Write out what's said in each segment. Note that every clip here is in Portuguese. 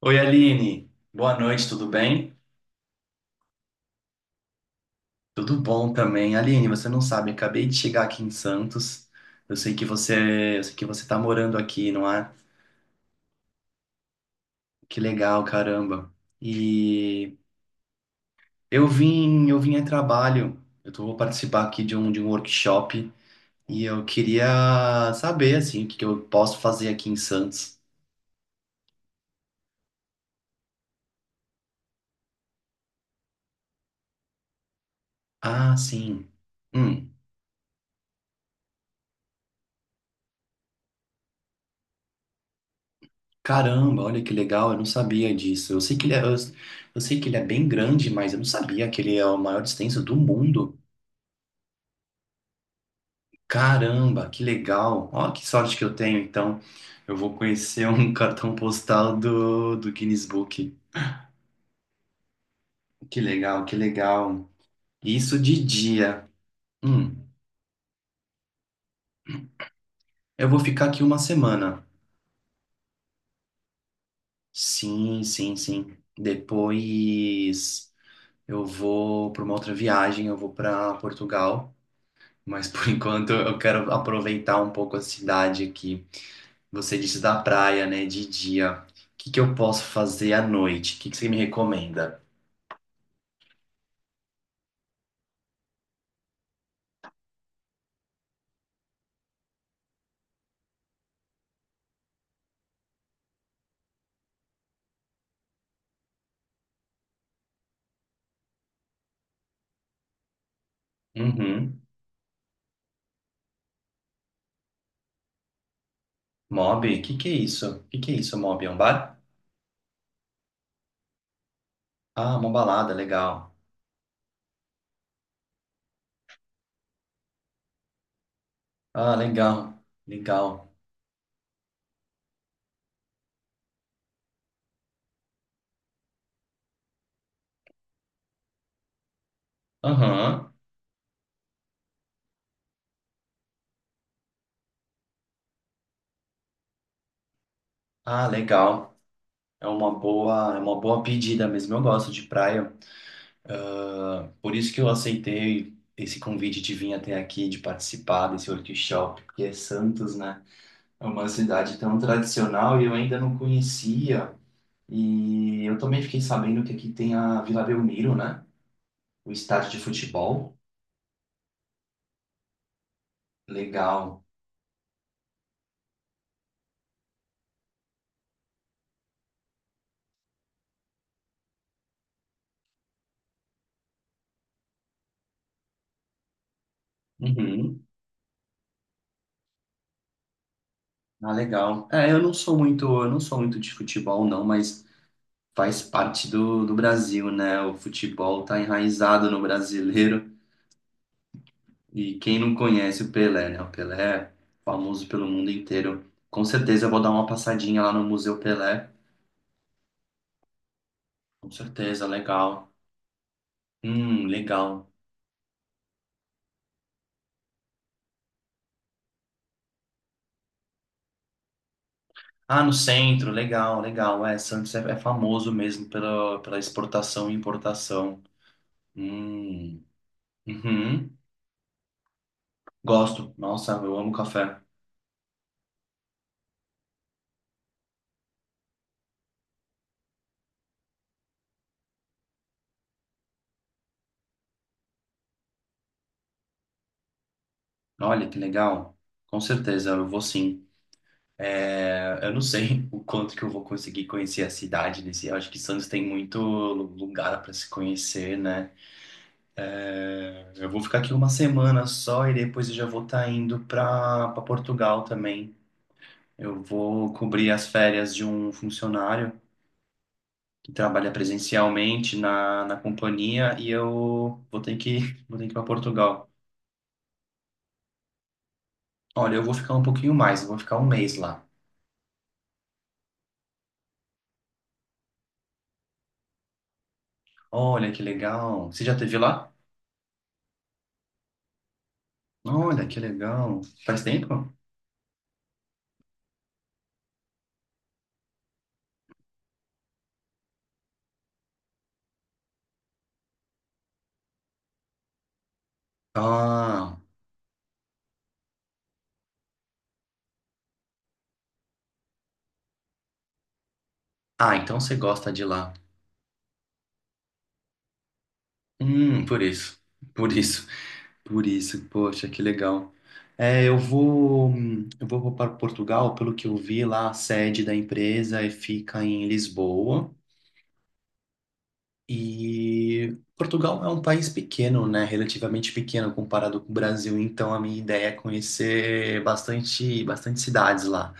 Oi, Aline. Boa noite, tudo bem? Tudo bom também. Aline, você não sabe, eu acabei de chegar aqui em Santos. Eu sei que você tá morando aqui, não é? Que legal, caramba. E eu vim a trabalho. Eu tô, vou participar aqui de um workshop e eu queria saber assim o que que eu posso fazer aqui em Santos. Ah, sim. Hum. Caramba, olha que legal, eu não sabia disso. Eu sei que ele é bem grande, mas eu não sabia que ele é a maior extenso do mundo. Caramba, que legal. Olha que sorte que eu tenho, então. Eu vou conhecer um cartão postal do Guinness Book. Que legal, que legal. Isso de dia. Hum, eu vou ficar aqui uma semana. Sim, sim, sim. Depois eu vou para uma outra viagem, eu vou para Portugal. Mas por enquanto eu quero aproveitar um pouco a cidade aqui. Você disse da praia, né? De dia. O que que eu posso fazer à noite? O que que você me recomenda? Uhum. Mob? O que que é isso? O que que é isso, Mob? É um bar? Ah, uma balada, legal. Ah, legal. Legal. Aham. Ah, legal. É uma boa pedida mesmo. Eu gosto de praia. Ah, por isso que eu aceitei esse convite de vir até aqui, de participar desse workshop, porque é Santos, né? É uma cidade tão tradicional e eu ainda não conhecia. E eu também fiquei sabendo que aqui tem a Vila Belmiro, né? O estádio de futebol. Legal. Uhum. Ah, legal. É, eu não sou muito de futebol, não, mas faz parte do Brasil, né? O futebol tá enraizado no brasileiro. E quem não conhece o Pelé, né? O Pelé é famoso pelo mundo inteiro. Com certeza eu vou dar uma passadinha lá no Museu Pelé. Com certeza, legal. Legal. Ah, no centro, legal, legal. É, Santos é famoso mesmo pela exportação e importação. Hum, uhum. Gosto. Nossa, eu amo café. Olha, que legal. Com certeza, eu vou sim. É, eu não sei o quanto que eu vou conseguir conhecer a cidade nesse. Eu acho que Santos tem muito lugar para se conhecer, né? Eu vou ficar aqui uma semana só e depois eu já vou estar indo para Portugal também. Eu vou cobrir as férias de um funcionário que trabalha presencialmente na companhia e eu vou ter que, vou ter que ir para Portugal. Olha, eu vou ficar um pouquinho mais, eu vou ficar um mês lá. Olha que legal. Você já teve lá? Olha que legal. Faz tempo? Ah, ah, então você gosta de lá. Por isso. Por isso. Por isso. Poxa, que legal. É, eu vou para Portugal, pelo que eu vi lá, a sede da empresa é- fica em Lisboa. E Portugal é um país pequeno, né? Relativamente pequeno comparado com o Brasil, então a minha ideia é conhecer bastante, bastante cidades lá.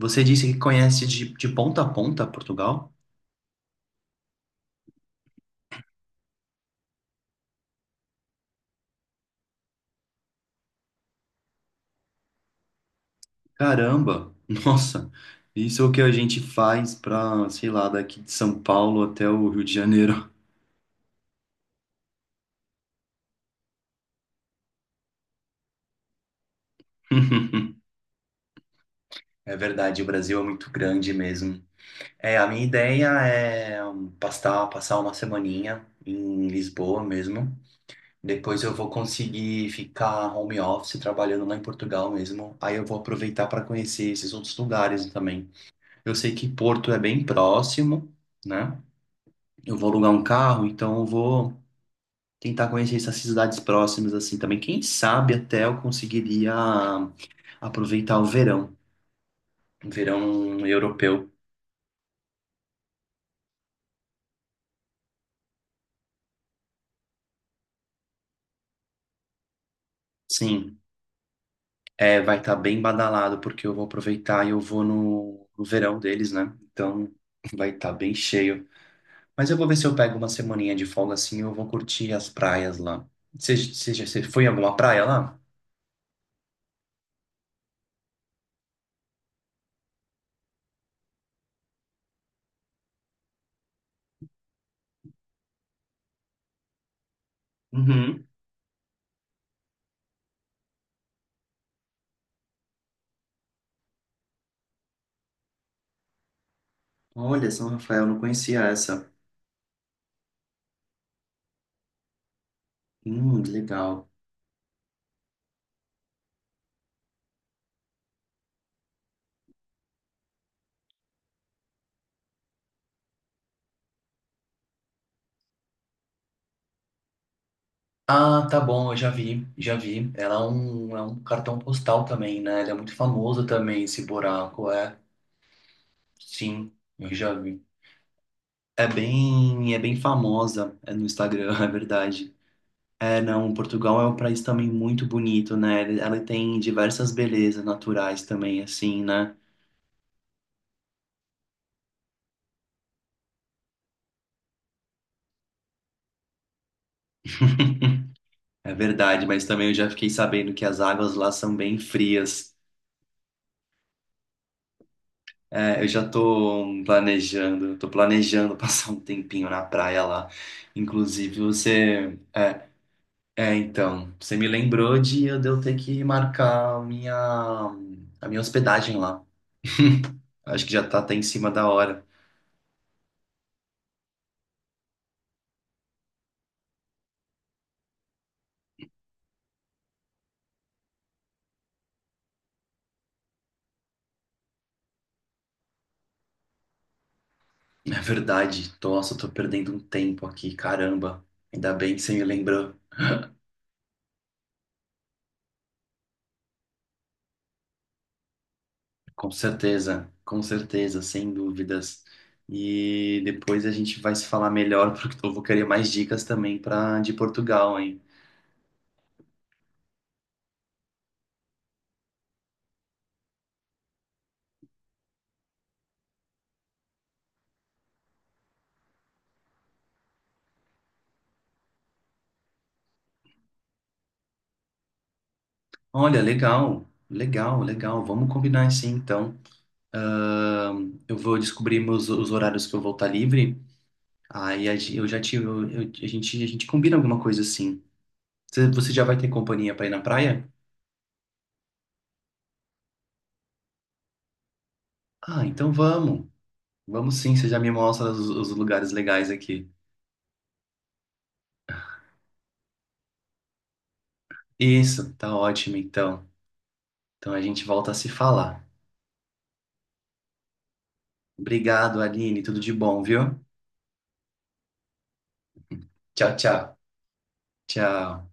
Você disse que conhece de ponta a ponta Portugal? Caramba! Nossa! Isso é o que a gente faz para, sei lá, daqui de São Paulo até o Rio de Janeiro. É verdade, o Brasil é muito grande mesmo. É, a minha ideia é passar uma semaninha em Lisboa mesmo. Depois eu vou conseguir ficar home office trabalhando lá em Portugal mesmo. Aí eu vou aproveitar para conhecer esses outros lugares também. Eu sei que Porto é bem próximo, né? Eu vou alugar um carro, então eu vou tentar conhecer essas cidades próximas assim também. Quem sabe até eu conseguiria aproveitar o verão europeu. Sim, é, vai estar bem badalado porque eu vou aproveitar e eu vou no verão deles, né? Então vai estar bem cheio. Mas eu vou ver se eu pego uma semaninha de folga assim, eu vou curtir as praias lá. Você você já você foi em alguma praia lá? Uhum. Olha, São Rafael, não conhecia essa. Legal. Ah, tá bom, eu já vi, já vi. Ela é um cartão postal também, né? Ele é muito famoso também, esse buraco, é. Sim, eu já vi. É bem famosa, é no Instagram, é verdade. É, não, Portugal é um país também muito bonito, né? Ele- Ela tem diversas belezas naturais também, assim, né? É verdade, mas também eu já fiquei sabendo que as águas lá são bem frias. É, eu já tô planejando passar um tempinho na praia lá. Inclusive, você. É, é, então, você me lembrou de eu ter que marcar a minha hospedagem lá. Acho que já tá até em cima da hora. É verdade, nossa, eu tô perdendo um tempo aqui, caramba. Ainda bem que você me lembrou. Com certeza, sem dúvidas. E depois a gente vai se falar melhor, porque eu vou querer mais dicas também para de Portugal, hein? Olha, legal, legal, legal. Vamos combinar assim, então. Eu vou descobrir meus, os horários que eu vou estar livre. Aí a gen- eu já tive, eu- a gente combina alguma coisa assim. Você já vai ter companhia para ir na praia? Ah, então vamos. Vamos sim, você já me mostra os lugares legais aqui. Isso, tá ótimo então. Então a gente volta a se falar. Obrigado, Aline. Tudo de bom, viu? Tchau, tchau. Tchau.